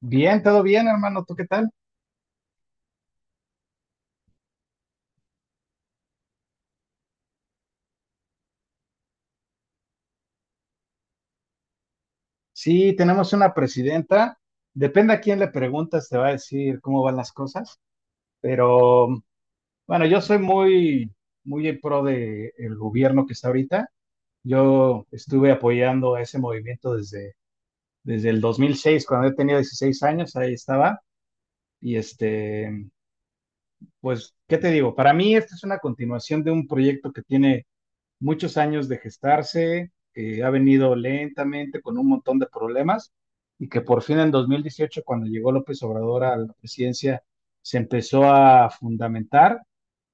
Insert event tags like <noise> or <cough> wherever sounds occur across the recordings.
Bien, todo bien, hermano. ¿Tú qué tal? Sí, tenemos una presidenta. Depende a quién le preguntas, te va a decir cómo van las cosas. Pero bueno, yo soy muy en pro de el gobierno que está ahorita. Yo estuve apoyando a ese movimiento desde el 2006, cuando yo tenía 16 años, ahí estaba. Y pues, ¿qué te digo? Para mí, esta es una continuación de un proyecto que tiene muchos años de gestarse, ha venido lentamente con un montón de problemas y que por fin en 2018, cuando llegó López Obrador a la presidencia, se empezó a fundamentar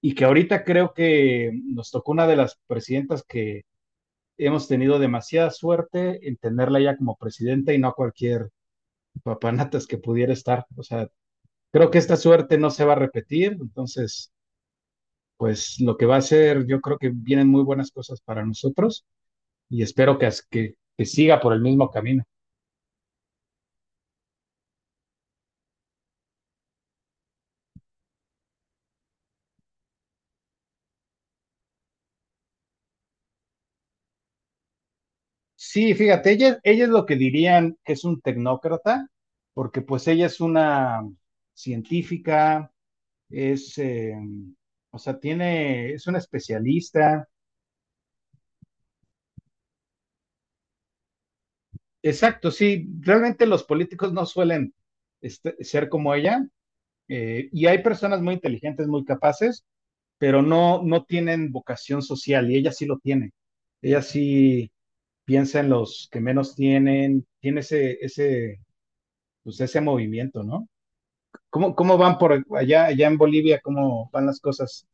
y que ahorita creo que nos tocó una de las presidentas que hemos tenido demasiada suerte en tenerla ya como presidenta y no a cualquier papanatas que pudiera estar. O sea, creo que esta suerte no se va a repetir, entonces, pues lo que va a ser, yo creo que vienen muy buenas cosas para nosotros y espero que siga por el mismo camino. Sí, fíjate, ella es lo que dirían que es un tecnócrata, porque pues ella es una científica, es, eh, o sea, es una especialista. Exacto, sí, realmente los políticos no suelen ser como ella, y hay personas muy inteligentes, muy capaces, pero no tienen vocación social, y ella sí lo tiene. Ella sí piensa en los que menos tienen, tiene ese, pues ese movimiento, ¿no? Cómo van por allá, allá en Bolivia? ¿Cómo van las cosas?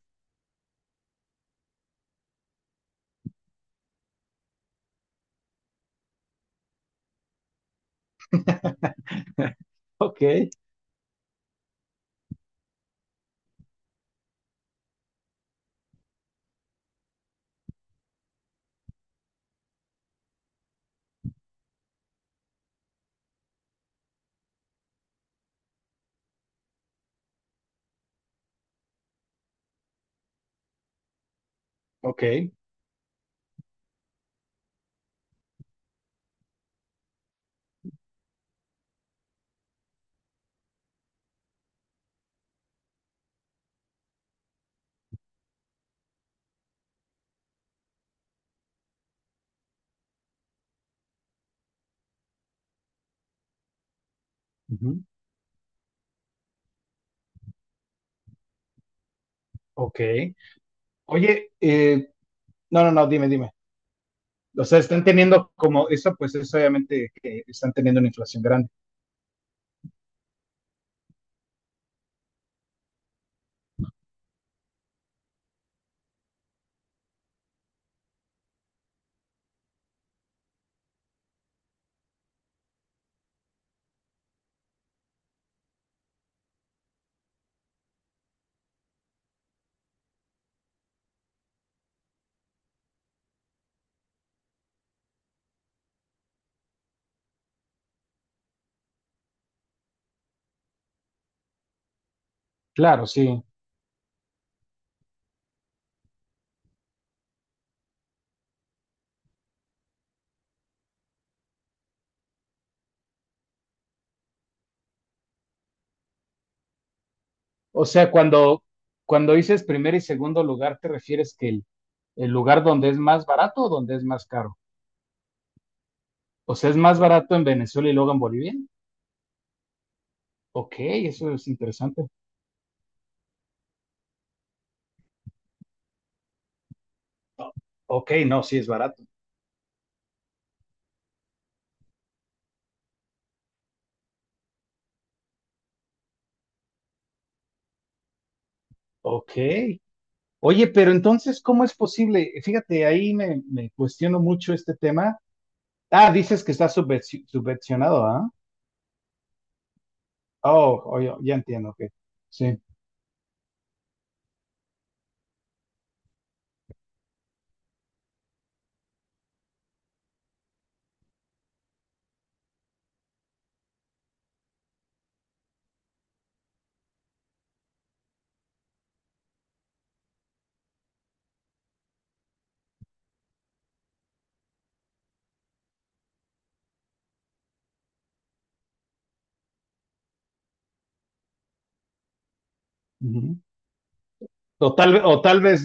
<laughs> Ok, Ok, ujú, ok. Oye, no, dime. O sea, están teniendo como, eso pues es obviamente que están teniendo una inflación grande. Claro, sí. O sea, cuando dices primer y segundo lugar, ¿te refieres que el lugar donde es más barato o donde es más caro? O sea, ¿es más barato en Venezuela y luego en Bolivia? Ok, eso es interesante. Ok, no, sí es barato. Ok. Oye, pero entonces, ¿cómo es posible? Fíjate, me cuestiono mucho este tema. Ah, dices que está subvencionado, ¿ah? Oh, oh, ya ya entiendo, ok. Sí. Ujú. O tal vez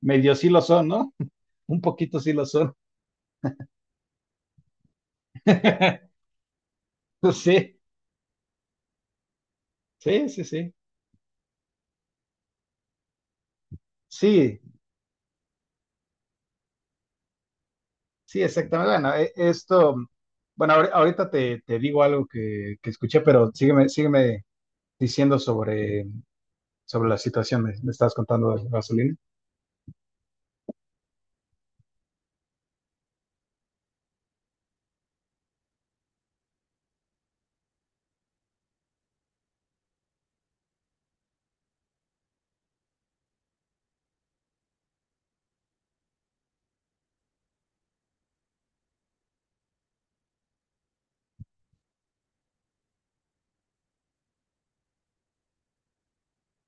medio sí lo son, ¿no? <laughs> Un poquito sí lo son. <laughs> Sí, sí, sí, sí. Sí, sí, exactamente. Bueno, esto, bueno, ahorita te digo algo que escuché, pero sígueme diciendo sobre sobre la situación, me estabas contando de la gasolina.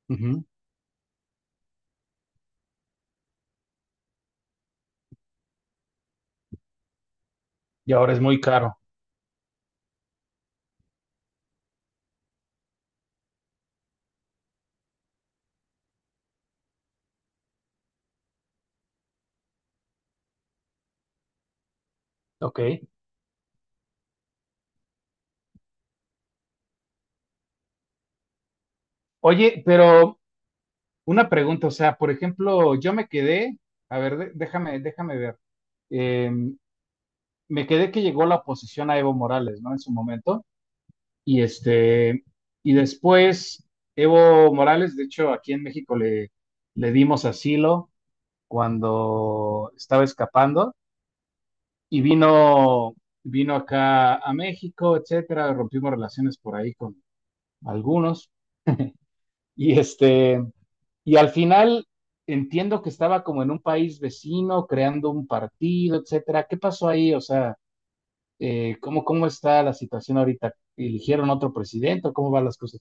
Ujú. Y ahora es muy caro. Ok. Oye, pero una pregunta, o sea, por ejemplo, a ver, déjame ver. Eh, Me quedé que llegó la oposición a Evo Morales, ¿no? En su momento. Y y después Evo Morales, de hecho, aquí en México le dimos asilo cuando estaba escapando y vino acá a México, etcétera, rompimos relaciones por ahí algunos. Y y al final entiendo que estaba como en un país vecino, creando un partido, etcétera. ¿Qué pasó ahí? O sea, cómo está la situación ahorita? ¿Eligieron otro presidente? O ¿cómo van las cosas?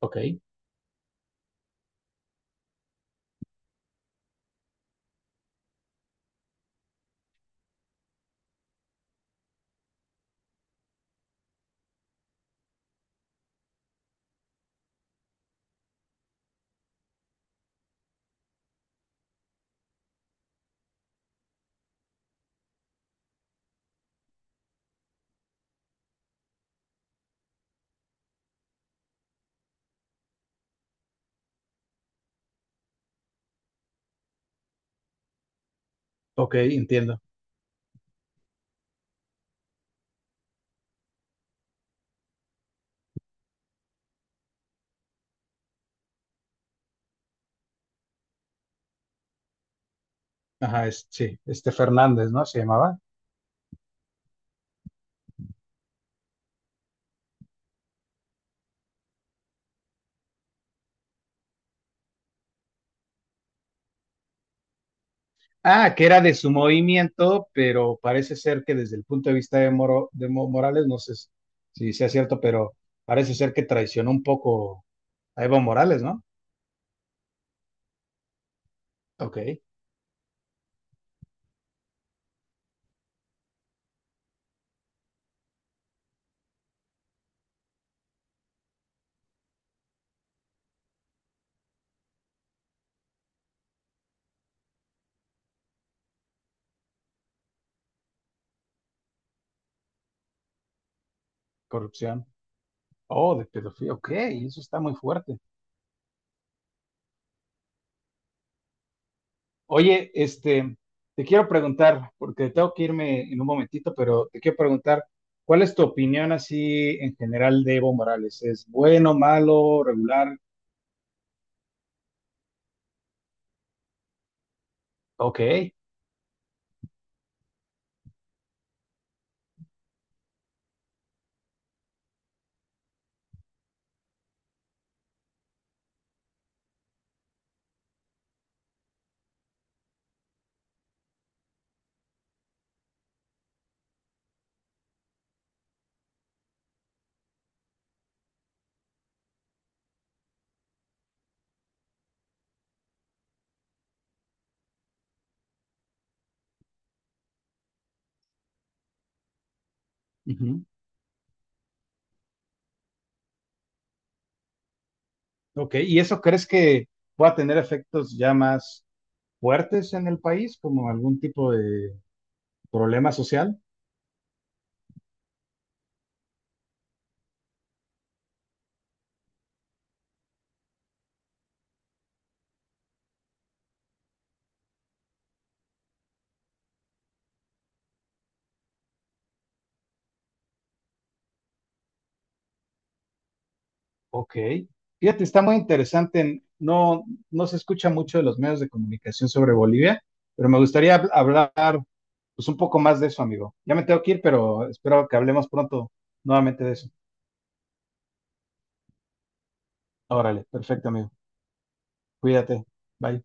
Ok, ok, entiendo. Ajá, sí, este Fernández, ¿no? Se llamaba. Ah, que era de su movimiento, pero parece ser que desde el punto de vista de, Morales, no sé si si sea cierto, pero parece ser que traicionó un poco a Evo Morales, ¿no? Ok, corrupción. Oh, de pedofilia, ok, eso está muy fuerte. Oye, te quiero preguntar, porque tengo que irme en un momentito, pero te quiero preguntar, ¿cuál es tu opinión así en general de Evo Morales? ¿Es bueno, malo, regular? Ok, ujú, ok, ¿y eso crees que pueda tener efectos ya más fuertes en el país, como algún tipo de problema social? Ok. Fíjate, está muy interesante. No, no se escucha mucho de los medios de comunicación sobre Bolivia, pero me gustaría hablar pues, un poco más de eso, amigo. Ya me tengo que ir, pero espero que hablemos pronto nuevamente de eso. Órale, perfecto, amigo. Cuídate. Bye.